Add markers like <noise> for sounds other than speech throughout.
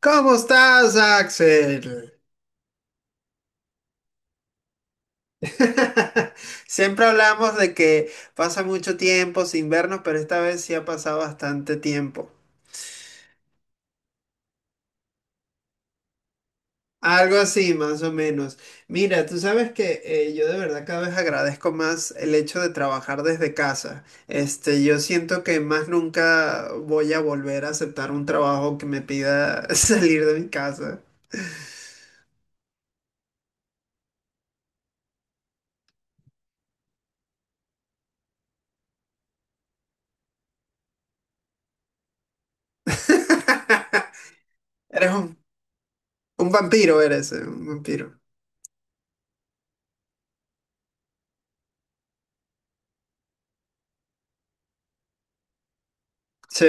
¿Cómo estás, Axel? <laughs> Siempre hablamos de que pasa mucho tiempo sin vernos, pero esta vez sí ha pasado bastante tiempo. Algo así, más o menos. Mira, tú sabes que yo de verdad cada vez agradezco más el hecho de trabajar desde casa. Este, yo siento que más nunca voy a volver a aceptar un trabajo que me pida <laughs> salir de mi casa. <laughs> Eres un, un vampiro, eres un vampiro. Sí,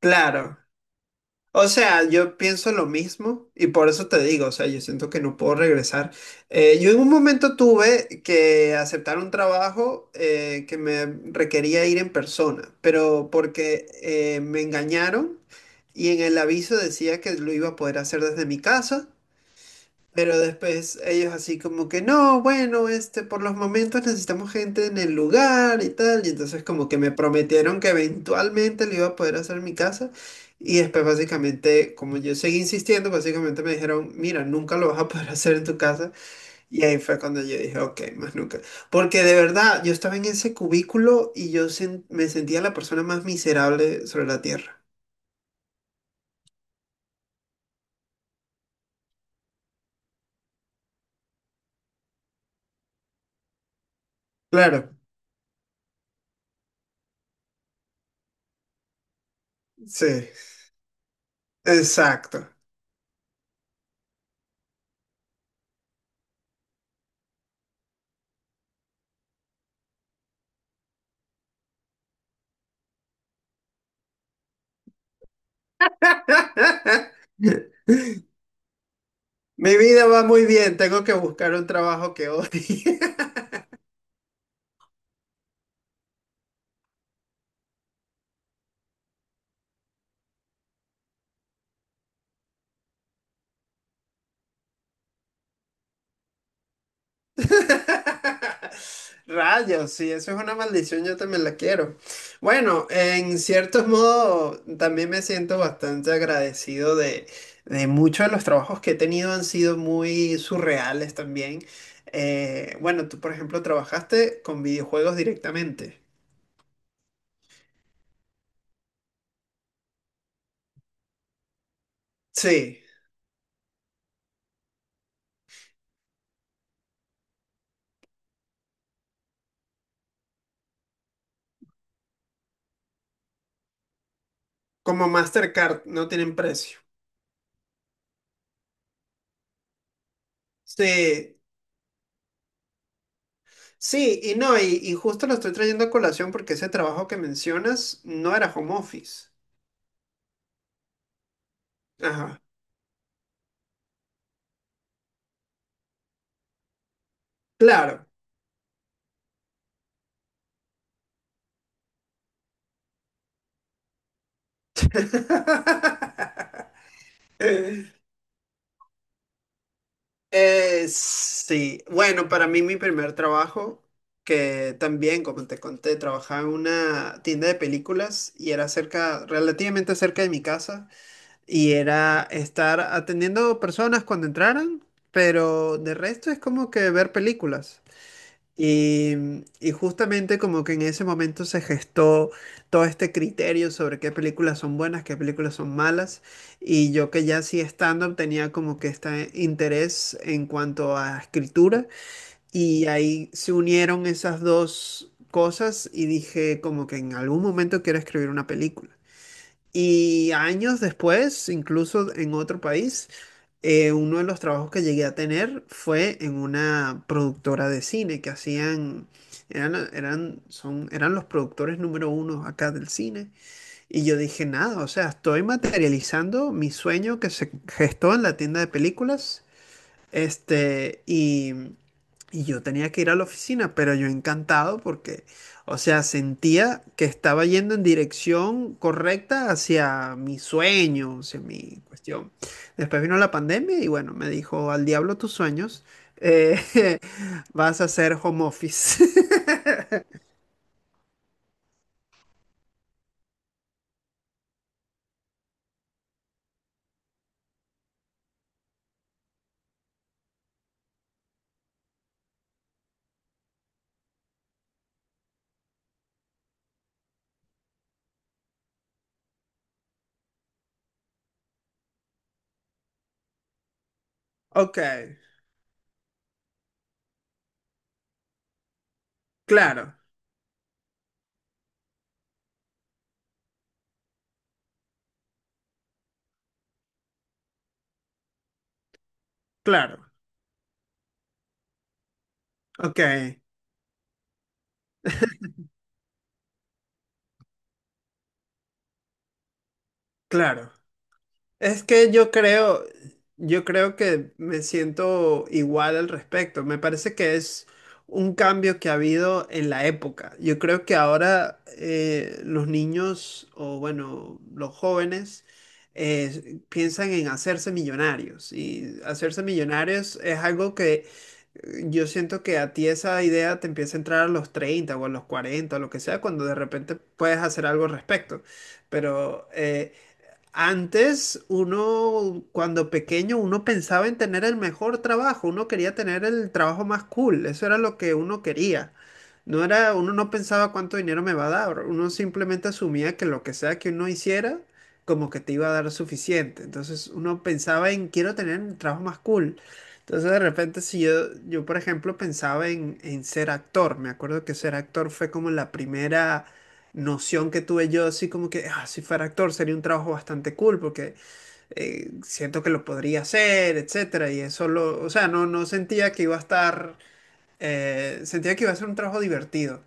claro. O sea, yo pienso lo mismo y por eso te digo, o sea, yo siento que no puedo regresar. Yo en un momento tuve que aceptar un trabajo que me requería ir en persona, pero porque me engañaron y en el aviso decía que lo iba a poder hacer desde mi casa. Pero después ellos así como que no, bueno, este, por los momentos necesitamos gente en el lugar y tal. Y entonces como que me prometieron que eventualmente le iba a poder hacer mi casa. Y después básicamente, como yo seguí insistiendo, básicamente me dijeron, mira, nunca lo vas a poder <laughs> hacer en tu casa. Y ahí fue cuando yo dije, ok, más nunca. Porque de verdad, yo estaba en ese cubículo y yo me sentía la persona más miserable sobre la tierra. Claro, sí, exacto. <laughs> Mi vida va muy bien, tengo que buscar un trabajo que odie. <laughs> Rayos, sí, eso es una maldición, yo también la quiero. Bueno, en cierto modo, también me siento bastante agradecido de muchos de los trabajos que he tenido han sido muy surreales también. Bueno, tú, por ejemplo, trabajaste con videojuegos directamente. Sí, como Mastercard, no tienen precio. Sí, sí, y no, y justo lo estoy trayendo a colación porque ese trabajo que mencionas no era home office. Ajá, claro. <laughs> Sí, bueno, para mí mi primer trabajo, que también, como te conté, trabajaba en una tienda de películas y era cerca, relativamente cerca de mi casa, y era estar atendiendo personas cuando entraran, pero de resto es como que ver películas. Y, y justamente como que en ese momento se gestó todo este criterio sobre qué películas son buenas, qué películas son malas, y yo que ya hacía stand-up tenía como que este interés en cuanto a escritura, y ahí se unieron esas dos cosas y dije como que en algún momento quiero escribir una película. Y años después, incluso en otro país, uno de los trabajos que llegué a tener fue en una productora de cine que hacían, eran los productores número uno acá del cine. Y yo dije, nada, o sea, estoy materializando mi sueño que se gestó en la tienda de películas, este, y yo tenía que ir a la oficina, pero yo encantado porque, o sea, sentía que estaba yendo en dirección correcta hacia mi sueño, hacia mi cuestión. Después vino la pandemia y bueno, me dijo, al diablo tus sueños, eh, <laughs> vas a hacer home office. <laughs> Ok, claro, claro, ok, claro. Es que yo creo que me siento igual al respecto. Me parece que es un cambio que ha habido en la época. Yo creo que ahora los niños o bueno, los jóvenes piensan en hacerse millonarios, y hacerse millonarios es algo que yo siento que a ti esa idea te empieza a entrar a los 30 o a los 40 o lo que sea, cuando de repente puedes hacer algo al respecto. Pero antes, uno, cuando pequeño, uno pensaba en tener el mejor trabajo, uno quería tener el trabajo más cool, eso era lo que uno quería. No era, uno no pensaba cuánto dinero me va a dar, uno simplemente asumía que lo que sea que uno hiciera, como que te iba a dar suficiente. Entonces uno pensaba en quiero tener el trabajo más cool. Entonces de repente si yo, yo por ejemplo pensaba en ser actor, me acuerdo que ser actor fue como la primera noción que tuve yo, así como que "Ah, si fuera actor sería un trabajo bastante cool porque siento que lo podría hacer, etcétera". Y eso lo, o sea, no, no sentía que iba a estar, sentía que iba a ser un trabajo divertido,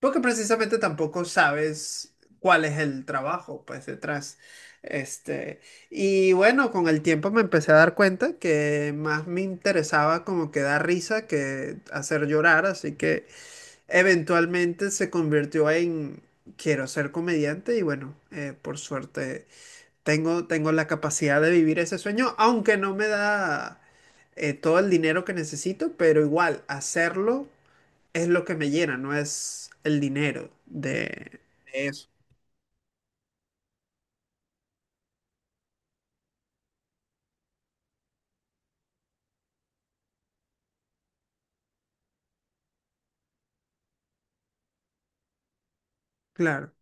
porque precisamente tampoco sabes cuál es el trabajo, pues detrás. Este, y bueno, con el tiempo me empecé a dar cuenta que más me interesaba como que dar risa que hacer llorar, así que eventualmente se convirtió en quiero ser comediante. Y bueno, por suerte tengo la capacidad de vivir ese sueño, aunque no me da todo el dinero que necesito, pero igual hacerlo es lo que me llena, no es el dinero de eso. Claro.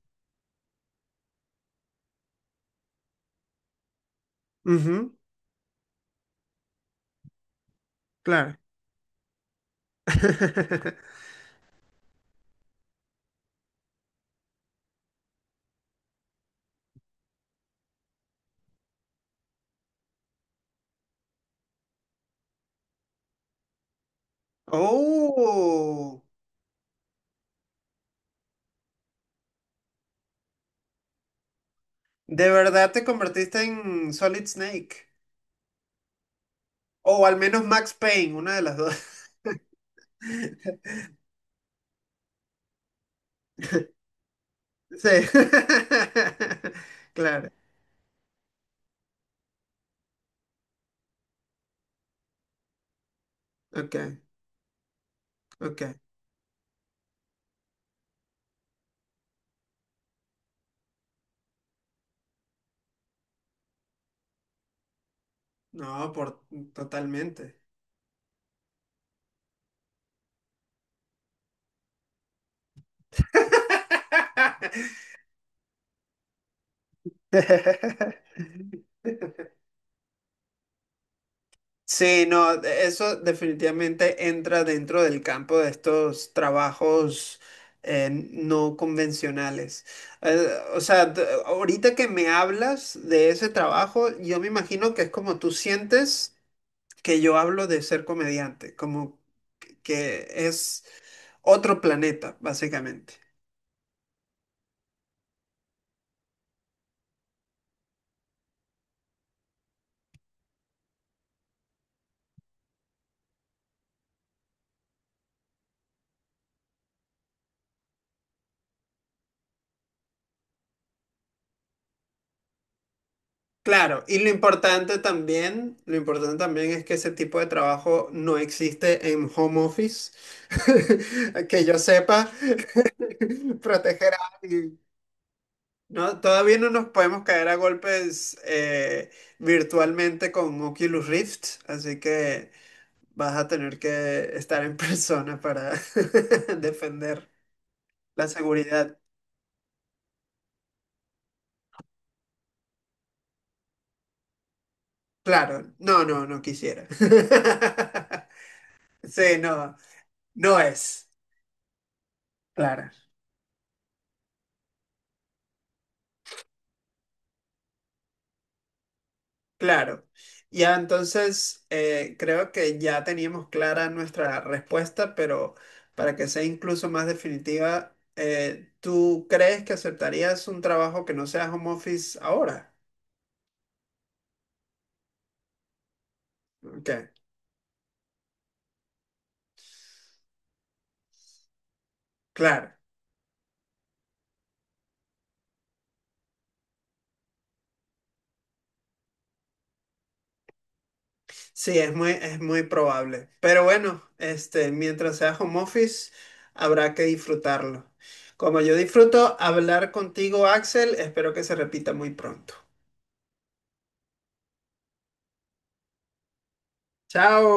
Ujú, claro. <laughs> Oh, de verdad te convertiste en Solid Snake. O al menos Max Payne, una de las dos. <laughs> Sí. <laughs> Claro. Ok, ok. No, por totalmente. <laughs> Sí, no, eso definitivamente entra dentro del campo de estos trabajos no convencionales. Eh, o sea, ahorita que me hablas de ese trabajo, yo me imagino que es como tú sientes que yo hablo de ser comediante, como que es... otro planeta, básicamente. Claro, y lo importante también es que ese tipo de trabajo no existe en home office, <laughs> que yo sepa, <laughs> proteger a alguien. No, todavía no nos podemos caer a golpes virtualmente con Oculus Rift, así que vas a tener que estar en persona para <laughs> defender la seguridad. Claro, no, no, no quisiera. <laughs> Sí, no. No es clara, claro. Ya entonces creo que ya teníamos clara nuestra respuesta, pero para que sea incluso más definitiva, ¿tú crees que aceptarías un trabajo que no sea home office ahora? Ok, claro. Sí, es es muy probable. Pero bueno, este, mientras sea home office, habrá que disfrutarlo. Como yo disfruto hablar contigo, Axel, espero que se repita muy pronto. Chao.